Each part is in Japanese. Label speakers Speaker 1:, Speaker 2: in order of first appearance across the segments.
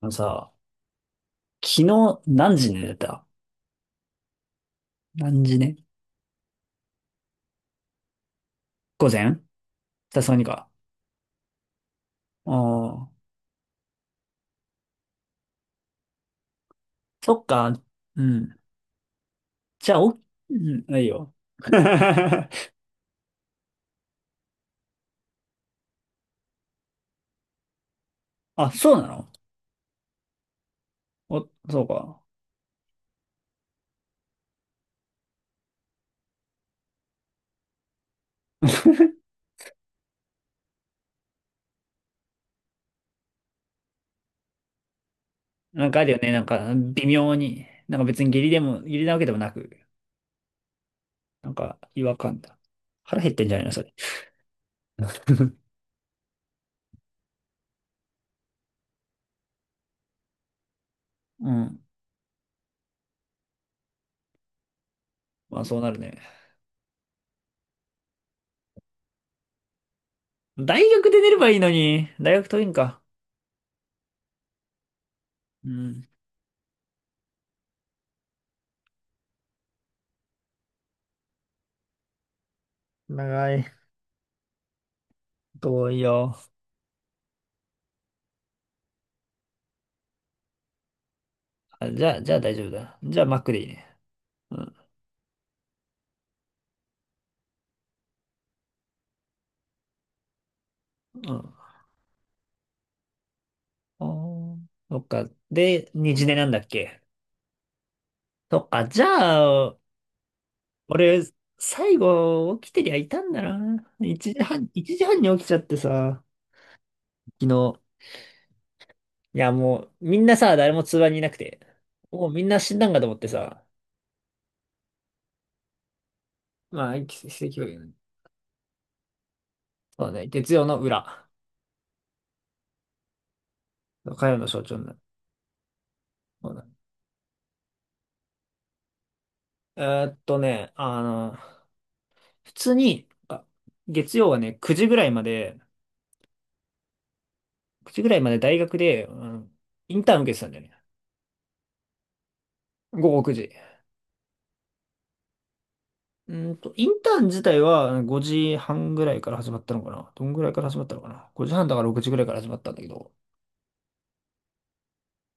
Speaker 1: あのさ、昨日何時に寝てた？何時ね？午前。さすがにか。ああ、そっか。うん。じゃあ、お、うん、ないいよ。あ、そうなの？お、そうか。なんかあるよね。なんか、微妙に。なんか別に下痢でも、下痢なわけでもなく、なんか違和感だ。腹減ってんじゃないの、それ？うん。まあそうなるね。大学で寝ればいいのに。大学遠いんか？うん。長い。遠いよ。あ、じゃあ大丈夫だ。じゃあマックでいいね。うん。うん。ああ、そっか。で、二次寝なんだっけ？そっか。じゃあ、俺、最後、起きてりゃいたんだな。一時半、一時半に起きちゃってさ、昨日。いや、もう、みんなさ、誰も通話にいなくて。もうみんな死んだんかと思ってさ。まあ、奇跡表現。そうね。月曜の裏。火曜の象徴になる。そうだ。えーっとね、あの、普通に、月曜はね、9時ぐらいまで、9時ぐらいまで大学で、インターン受けてたんだよね。午後9時。インターン自体は5時半ぐらいから始まったのかな、どんぐらいから始まったのかな？ 5 時半だから6時ぐらいから始まったんだけど、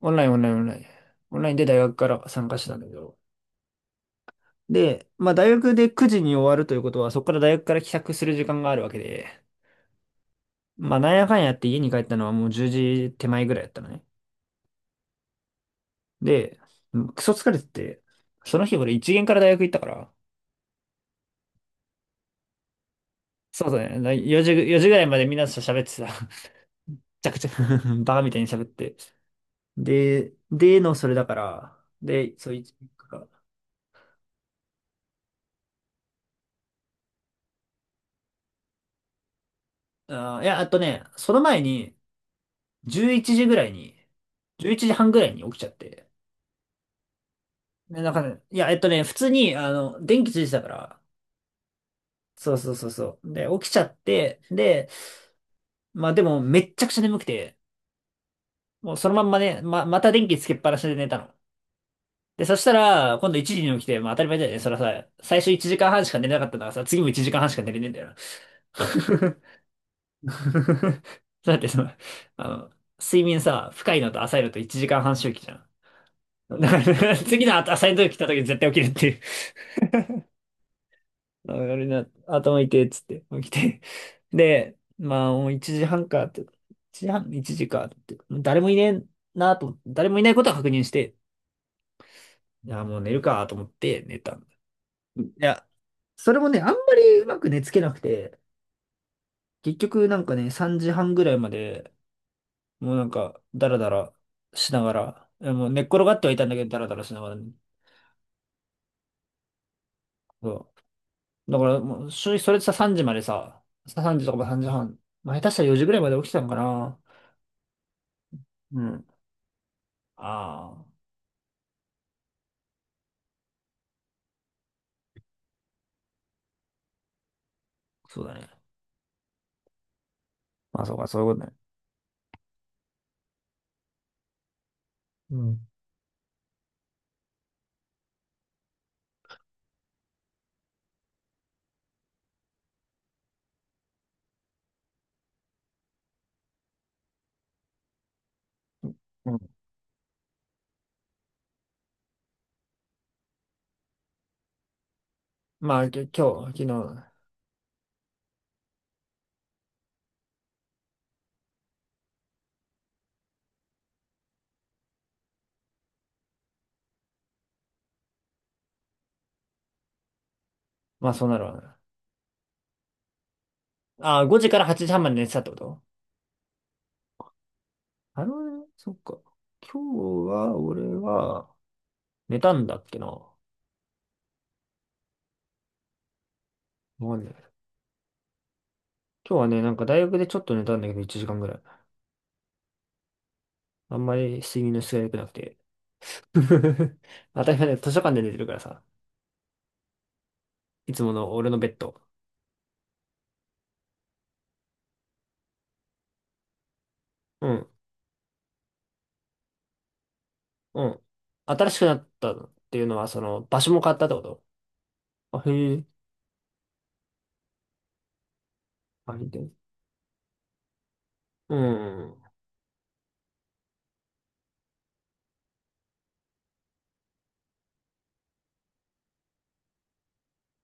Speaker 1: オンラインオンラインオンライン。オンラインで大学から参加してたんだけど。で、まあ大学で9時に終わるということは、そこから大学から帰宅する時間があるわけで、まあなんやかんやって家に帰ったのはもう10時手前ぐらいだったのね。で、うん、クソ疲れてて、その日俺1限から大学行ったから、そうだね、4時、4時ぐらいまでみんなと喋ってさ、めちゃくちゃ バカみたいに喋って。で、での、それだから、で、そういつか。あー、いや、あとね、その前に、11時ぐらいに、11時半ぐらいに起きちゃって。で、なんかね、いや、普通に、電気ついてたから、そうそうそうそう。で、起きちゃって、で、まあでも、めっちゃくちゃ眠くて、もうそのまんまね、また電気つけっぱなしで寝たの。で、そしたら、今度1時に起きて、まあ当たり前だよね。そらさ、最初1時間半しか寝れなかったからさ、次も1時間半しか寝れねえんだよな。だってあの、睡眠さ、深いのと浅いのと1時間半周期じゃん。だから 次の浅いの時来た時絶対起きるっていう。あ俺な、頭痛いっつって起きて。で、まあもう1時半かって、1時半、1時かって、誰もいねえなと思って、誰もいないことは確認して、いや、もう寝るかと思って寝たんだ。いや、それもね、あんまりうまく寝つけなくて、結局なんかね、3時半ぐらいまでもうなんか、ダラダラしながら、もう寝っ転がってはいたんだけど、ダラダラしながらね。そう。だから、もう、正直それでさ、3時までさ、3時とか3時半、まあ、下手したら4時ぐらいまで起きてたのかな。うん。ああ、そうだね。まあ、そうか、そういうことね。うん。うん。まあ、今日、昨日、まあ、そうなるわな。ああ、5時から8時半まで寝てたってこと？あのね、そっか。今日は、俺は、寝たんだっけな。わかんない。今日はね、なんか大学でちょっと寝たんだけど、1時間ぐらい。あんまり睡眠の質が良くなくて。当たり前図書館で寝てるからさ。いつもの俺のベッド。うん、うん。新しくなったっていうのは、その、場所も変わったってこと？あ、へえ。あ、見て。うん。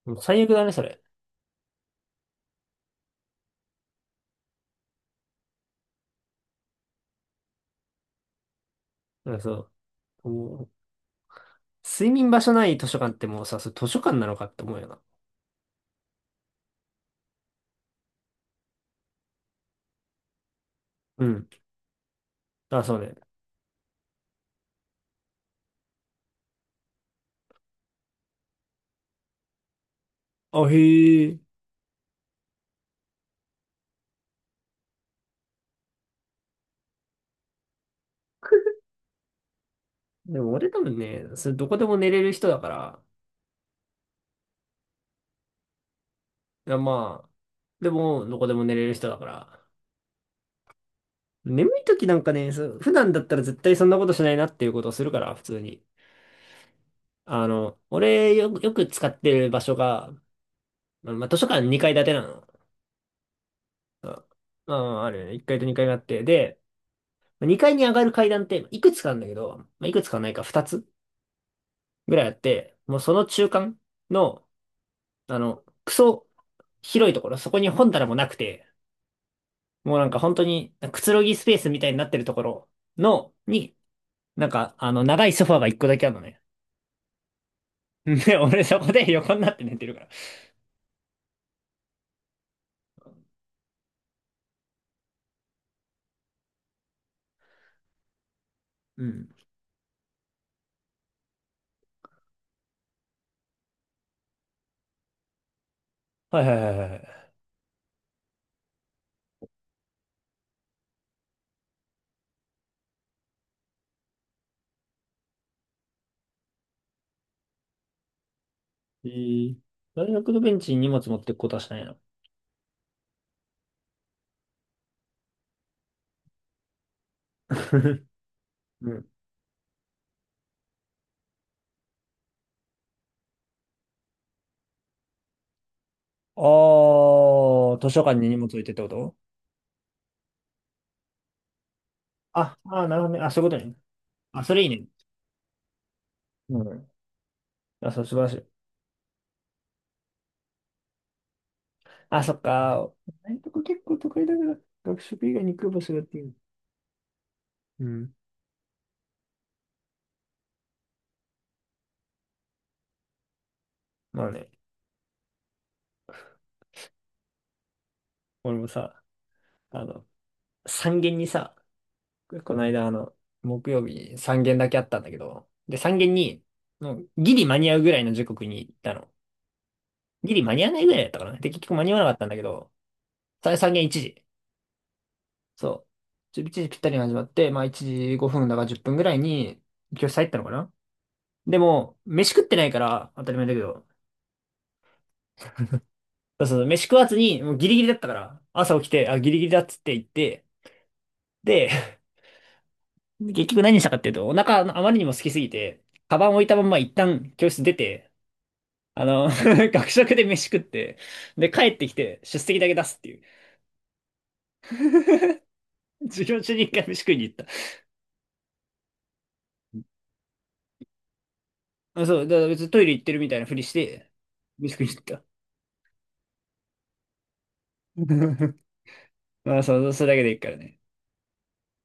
Speaker 1: もう最悪だね、それ。だからそう。もう、睡眠場所ない図書館ってもうさ、それ図書館なのかって思うよな。うん。あ、そうね。あ、へえ。でも俺多分ね、それどこでも寝れる人だから、いやまあ、でもどこでも寝れる人だから、眠い時なんかね、そう普段だったら絶対そんなことしないなっていうことをするから、普通に。あの、俺、よく使ってる場所が、まあ、まあ図書館2階建てなの。まあ、まああるよね。1階と2階があって。で、2階に上がる階段っていくつかあるんだけど、まあ、いくつかはないか2つぐらいあって、もうその中間の、クソ広いところ、そこに本棚もなくて、もうなんか本当にくつろぎスペースみたいになってるところの、に、なんか、長いソファーが1個だけあるのね。ね俺そこで横になって寝てるから。うん。はいはいはいはい。えー、大学のベンチに荷物持ってくことはしないの？うん。ああ、図書館に荷物置いてってこと？あ、あー、なるほどね。あ、そういうことね。あ、それいいね。うん。あ、そう、素晴らしい。あ、そっか。大学結構都会だから、学食以外に行く場所がっていう。うん。まあね、俺もさ、あの、三限にさ、この間、あの、木曜日3限だけあったんだけど、で、3限に、もうギリ間に合うぐらいの時刻に行ったの。ギリ間に合わないぐらいだったかな。で、結局間に合わなかったんだけど、3限1時。そう。1時ぴったりに始まって、まあ1時5分だから10分ぐらいに教室入ったのかな。でも、飯食ってないから当たり前だけど、そうそう、飯食わずに、もうギリギリだったから、朝起きて、あ、ギリギリだっつって言って、で、結局何したかっていうと、お腹あまりにも空きすぎて、カバン置いたまま一旦教室出て、あの、学食で飯食って、で、帰ってきて出席だけ出すっていう。授業中に一回飯食いに行った。あ、そう、だから別にトイレ行ってるみたいなふりして、飯食いに行った。まあ、そう、それだけでいいからね。